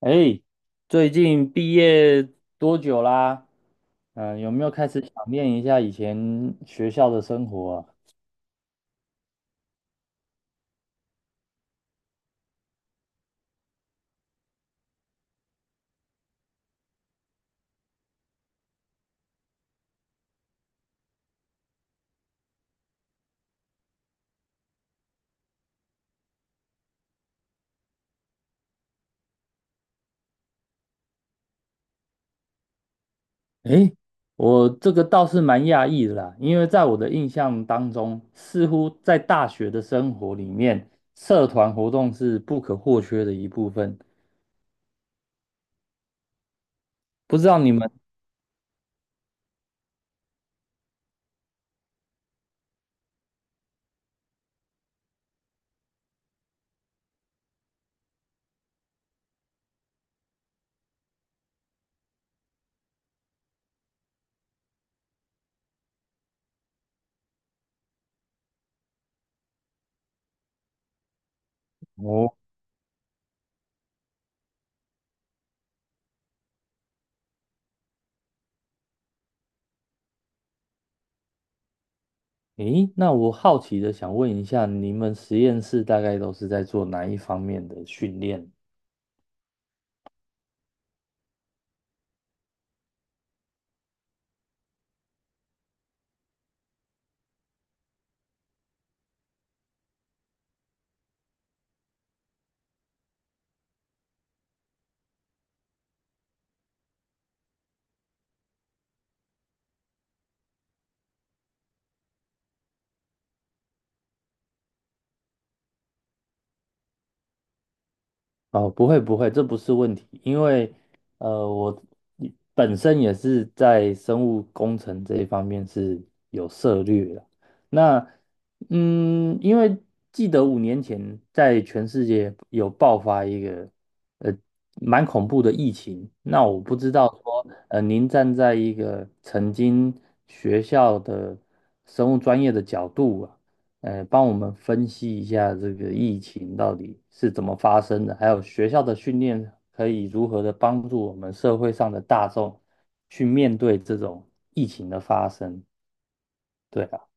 哎，最近毕业多久啦？有没有开始想念一下以前学校的生活啊？哎，我这个倒是蛮讶异的啦，因为在我的印象当中，似乎在大学的生活里面，社团活动是不可或缺的一部分。不知道你们。哦，诶，那我好奇的想问一下，你们实验室大概都是在做哪一方面的训练？哦，不会不会，这不是问题，因为我本身也是在生物工程这一方面是有涉略的。那因为记得5年前在全世界有爆发一个呃蛮恐怖的疫情，那我不知道说您站在一个曾经学校的生物专业的角度啊，帮我们分析一下这个疫情到底是怎么发生的，还有学校的训练可以如何的帮助我们社会上的大众去面对这种疫情的发生。对吧？啊，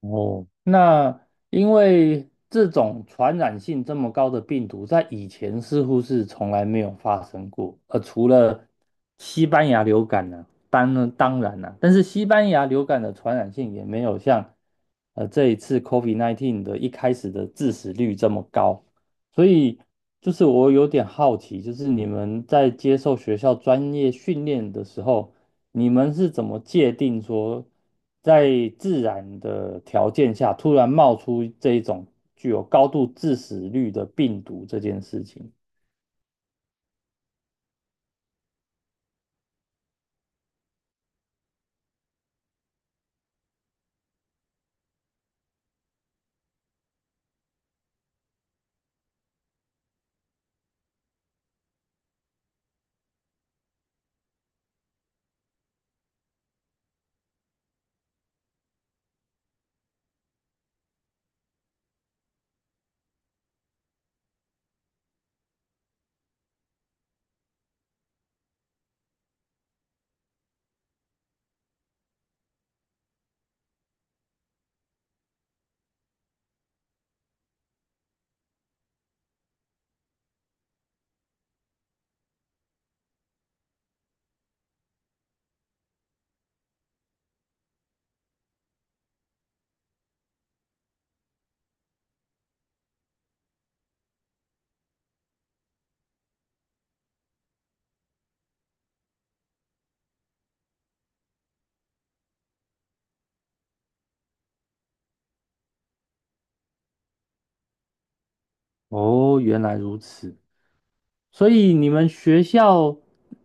哦，那因为这种传染性这么高的病毒，在以前似乎是从来没有发生过，除了西班牙流感呢、当然啦、但是西班牙流感的传染性也没有像这一次 COVID-19 的一开始的致死率这么高，所以就是我有点好奇，就是你们在接受学校专业训练的时候。你们是怎么界定说，在自然的条件下突然冒出这一种具有高度致死率的病毒这件事情？哦，原来如此。所以你们学校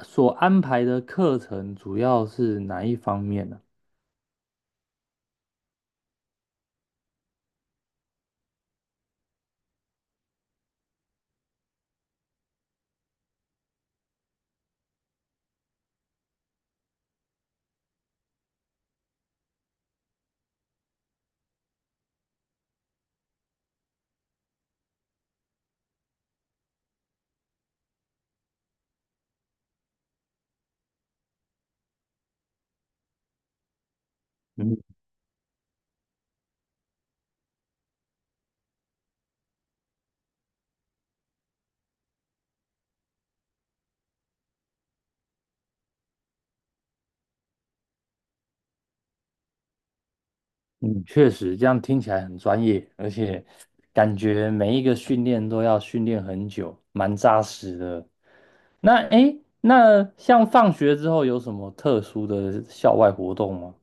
所安排的课程主要是哪一方面呢？嗯嗯，确实，这样听起来很专业，而且感觉每一个训练都要训练很久，蛮扎实的。那诶，那像放学之后有什么特殊的校外活动吗？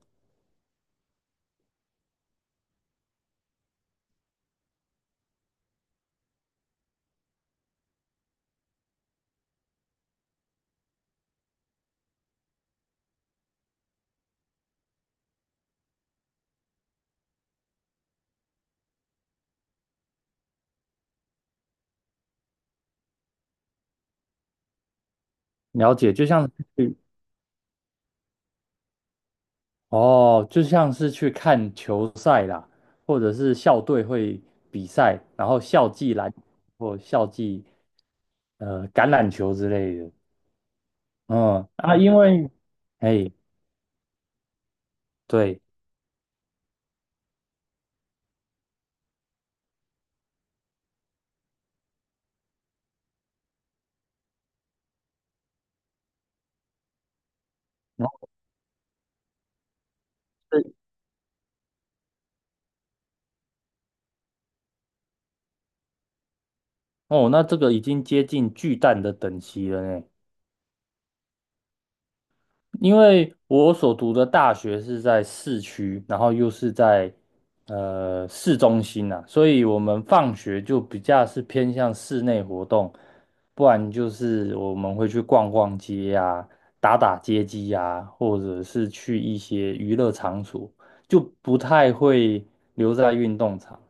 了解，就像是去。哦，就像是去看球赛啦，或者是校队会比赛，然后校际篮或校际呃橄榄球之类的。嗯啊，因为哎，对。然后哦，那这个已经接近巨蛋的等级了呢。因为我所读的大学是在市区，然后又是在市中心呐、所以我们放学就比较是偏向室内活动，不然就是我们会去逛逛街呀、打打街机呀、或者是去一些娱乐场所，就不太会留在运动场。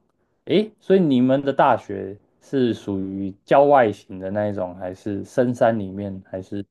诶，所以你们的大学是属于郊外型的那一种，还是深山里面，还是。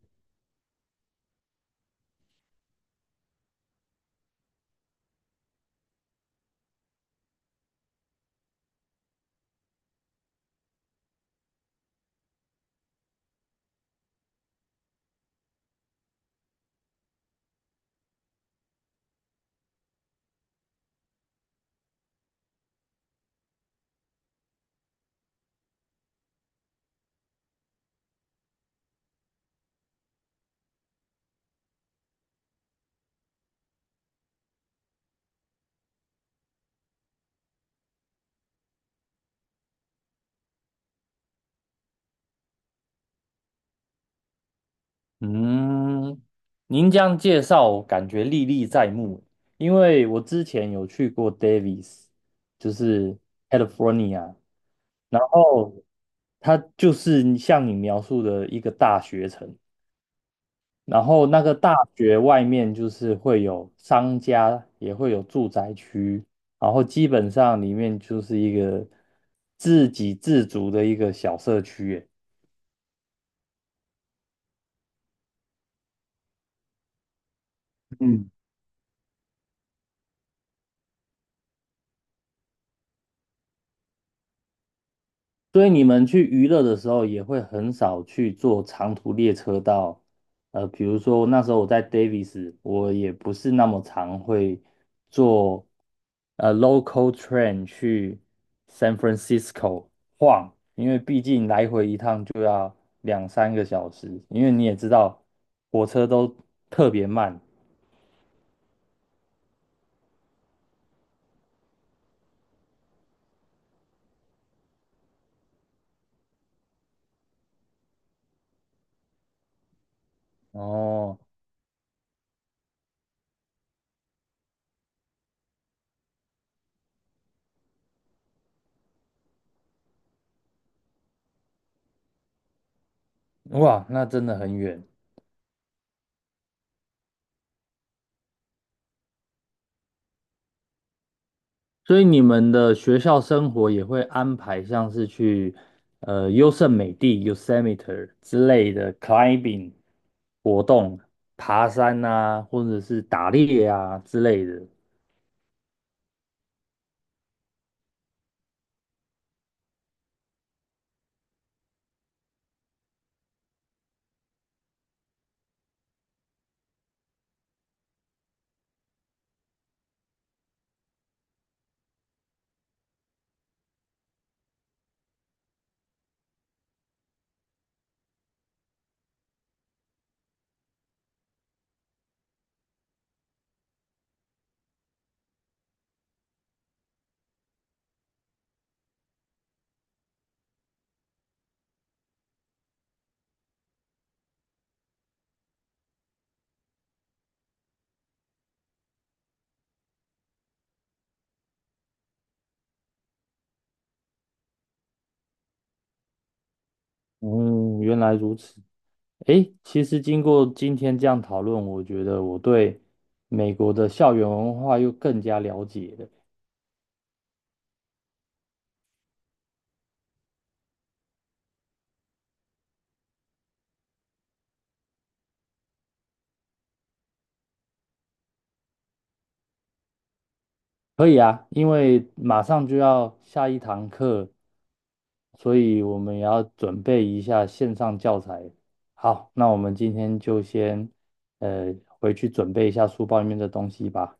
嗯？您这样介绍，感觉历历在目。因为我之前有去过 Davis，就是 California，然后它就是像你描述的一个大学城，然后那个大学外面就是会有商家，也会有住宅区，然后基本上里面就是一个自给自足的一个小社区耶。嗯。所以你们去娱乐的时候，也会很少去坐长途列车到，比如说那时候我在 Davis，我也不是那么常会坐local train 去 San Francisco 晃，因为毕竟来回一趟就要2、3个小时，因为你也知道火车都特别慢。哦，哇，那真的很远。所以你们的学校生活也会安排像是去优胜美地 （Yosemite） 之类的 climbing 活动，爬山啊，或者是打猎啊之类的。嗯，原来如此。诶，其实经过今天这样讨论，我觉得我对美国的校园文化又更加了解了。可以啊，因为马上就要下一堂课，所以我们也要准备一下线上教材。好，那我们今天就先回去准备一下书包里面的东西吧。